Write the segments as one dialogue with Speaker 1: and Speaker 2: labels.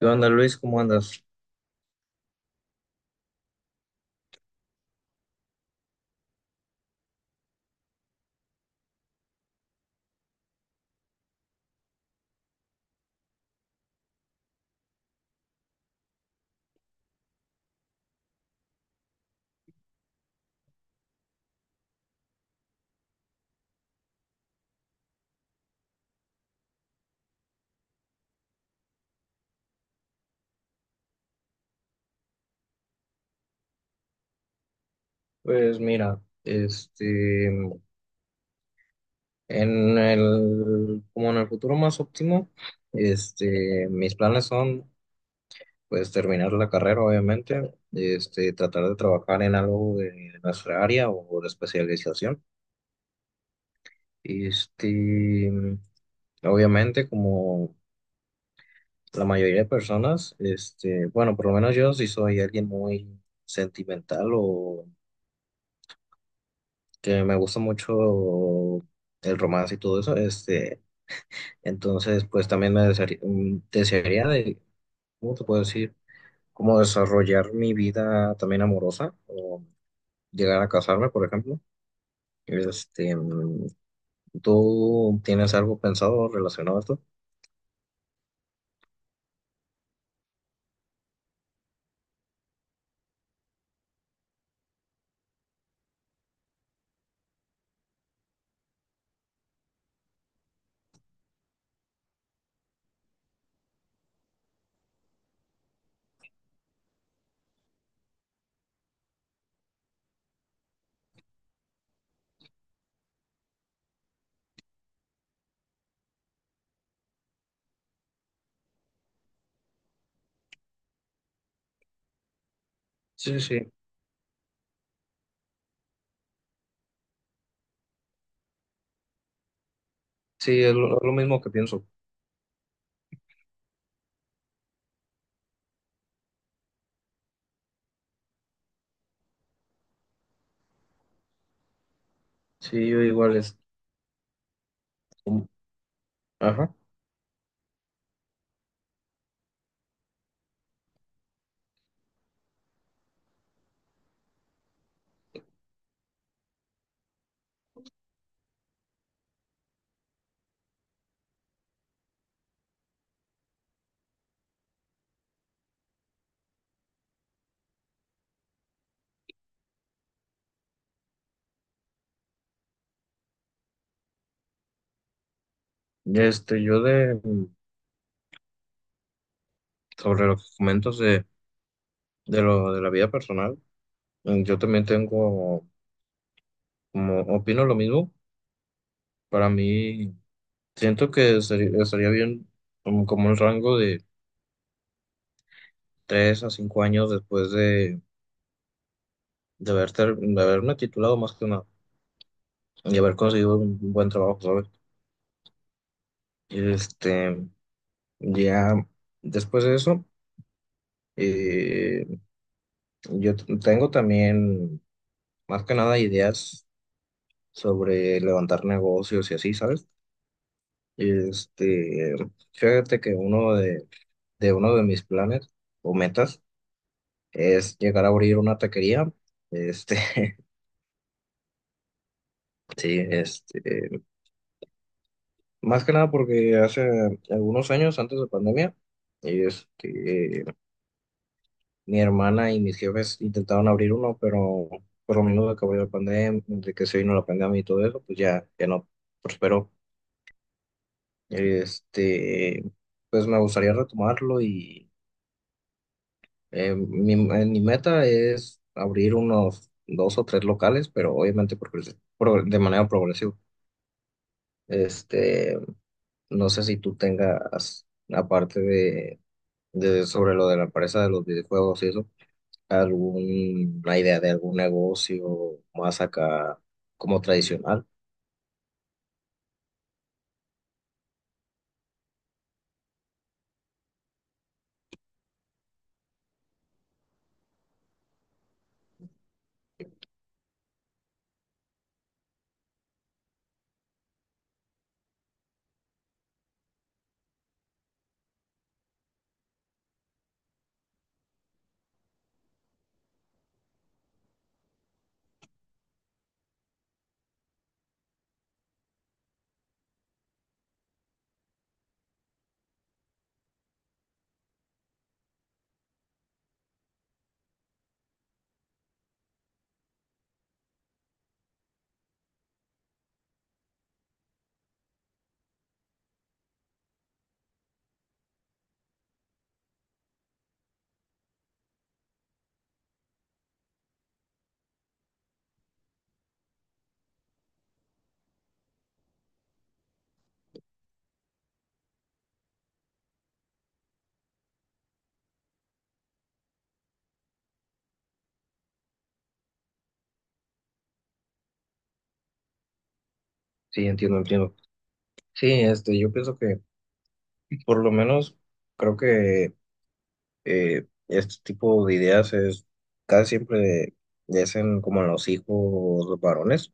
Speaker 1: ¿Qué onda, Luis? ¿Cómo andas? Pues mira, en el, como en el futuro más óptimo, mis planes son, pues, terminar la carrera, obviamente, tratar de trabajar en algo de nuestra área o de especialización. Este, obviamente, como la mayoría de personas, bueno, por lo menos yo sí soy alguien muy sentimental o que me gusta mucho el romance y todo eso, este. Entonces, pues también me desearía, desearía de, ¿cómo te puedo decir? Como desarrollar mi vida también amorosa o llegar a casarme, por ejemplo. Este, mm, ¿Tú tienes algo pensado relacionado a esto? Sí, sí, sí, sí, es lo mismo que pienso. Sí, yo igual es, mm, ajá. Yo de, sobre los comentos de lo de la vida personal, yo también tengo, como, opino lo mismo. Para mí, siento que estaría bien como un rango de 3 a 5 años después de, de haberme titulado más que nada y haber conseguido un buen trabajo, ¿sabes? Este, ya después de eso, eh, yo tengo también más que nada ideas sobre levantar negocios y así, ¿sabes? Este, fíjate que de uno de mis planes o metas es llegar a abrir una taquería. Este, Sí, más que nada porque hace algunos años, antes de pandemia, este, mi hermana y mis jefes intentaron abrir uno, pero por lo menos de que abrió la pandemia, de que se vino la pandemia y todo eso, pues ya no prosperó. Este, pues me gustaría retomarlo y mi meta es abrir unos dos o tres locales, pero obviamente de manera progresiva. Este, No sé si tú tengas, aparte de sobre lo de la empresa de los videojuegos y eso, alguna idea de algún negocio más acá como tradicional. Sí, entiendo, entiendo. Sí, yo pienso que por lo menos creo que este tipo de ideas es casi siempre le hacen como a los hijos varones,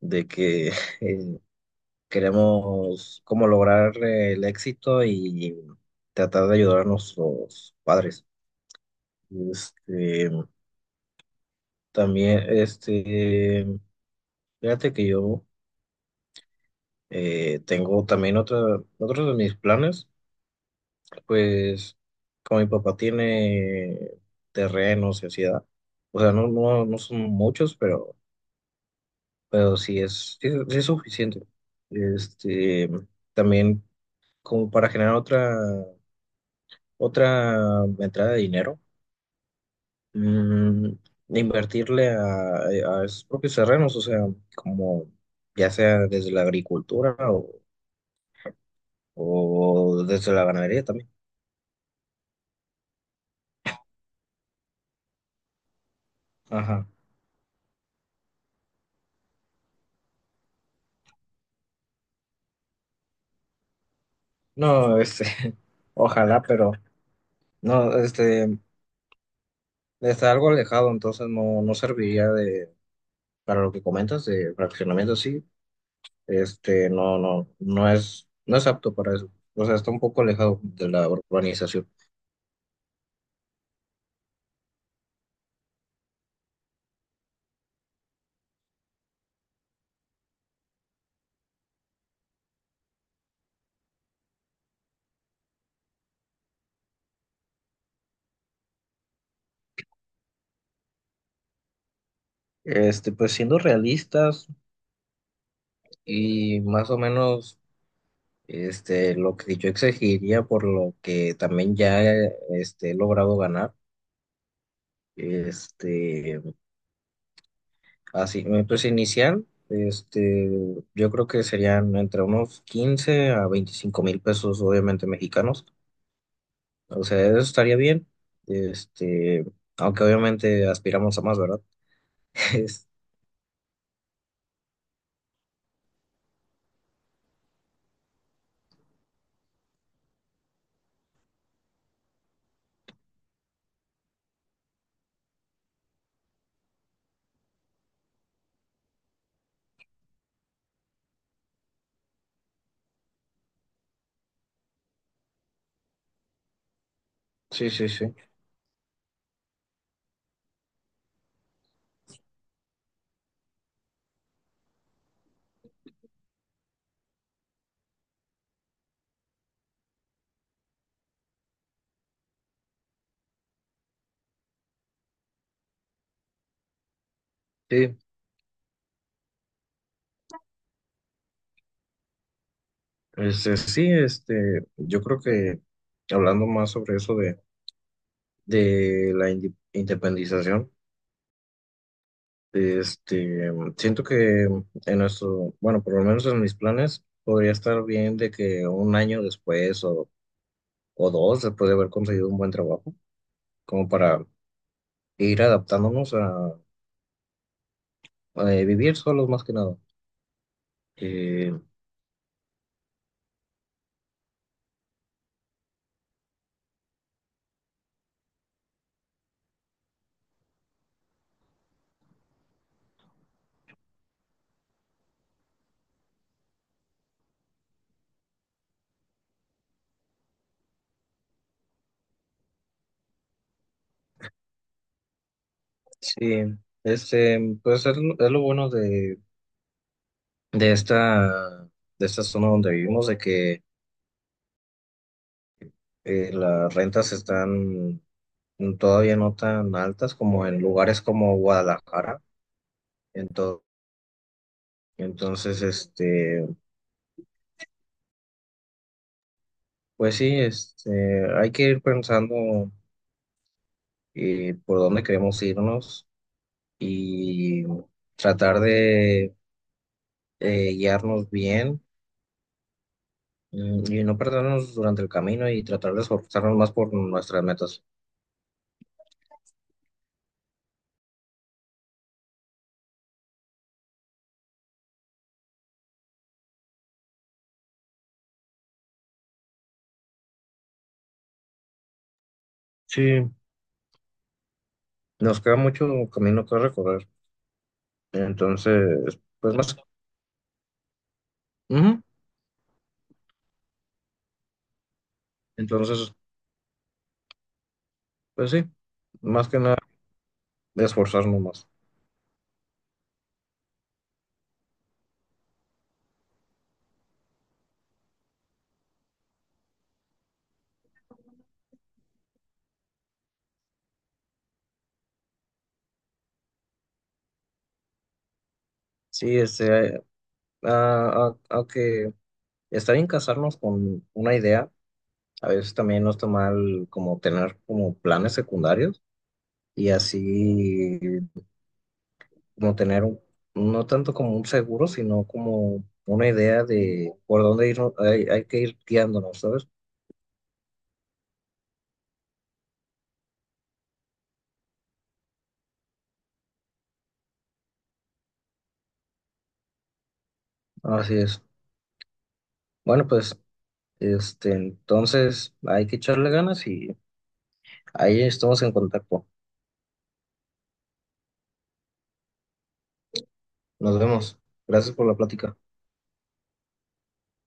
Speaker 1: de que queremos como lograr el éxito y tratar de ayudar a nuestros padres. Este, también, este, fíjate que yo tengo también otros de mis planes, pues como mi papá tiene terrenos y así, ¿verdad? O sea, no, no, no son muchos, pero, pero sí es suficiente. Este, también como para generar otra entrada de dinero, mm, invertirle a esos propios terrenos, o sea, como ya sea desde la agricultura o desde la ganadería también. Ajá. No, este, ojalá, pero no, está algo alejado, entonces no, no serviría de, para lo que comentas, de fraccionamiento, sí, no, no es, no es apto para eso. O sea, está un poco alejado de la urbanización. Pues siendo realistas y más o menos. Lo que yo exigiría por lo que también ya he logrado ganar, este, así, pues inicial, yo creo que serían entre unos 15 a 25 mil pesos, obviamente mexicanos, o sea, eso estaría bien, este, aunque obviamente aspiramos a más, ¿verdad? Es- Sí, sí, sí, sí, sí, yo creo que hablando más sobre eso de, independización, siento que en nuestro, bueno, por lo menos en mis planes, podría estar bien de que un año después o dos, después de haber conseguido un buen trabajo, como para ir adaptándonos a, vivir solos más que nada. Eh, sí, pues lo es lo bueno de esta, de esta zona donde vivimos, de que las rentas están todavía no tan altas como en lugares como Guadalajara. entonces Entonces, pues sí, hay que ir pensando por dónde queremos irnos y tratar de guiarnos bien, y no perdernos durante el camino y tratar de esforzarnos más por nuestras metas. Sí, nos queda mucho camino que recorrer. Entonces, pues más, ujú, entonces, pues sí, más que nada esforzarnos más. Sí, ah, ah, ok. Está bien casarnos con una idea, a veces también no está mal como tener como planes secundarios y así como tener un- no tanto como un seguro, sino como una idea de por dónde ir, hay que ir guiándonos, ¿sabes? Así es. Bueno, pues entonces hay que echarle ganas y ahí estamos en contacto. Nos vemos. Gracias por la plática.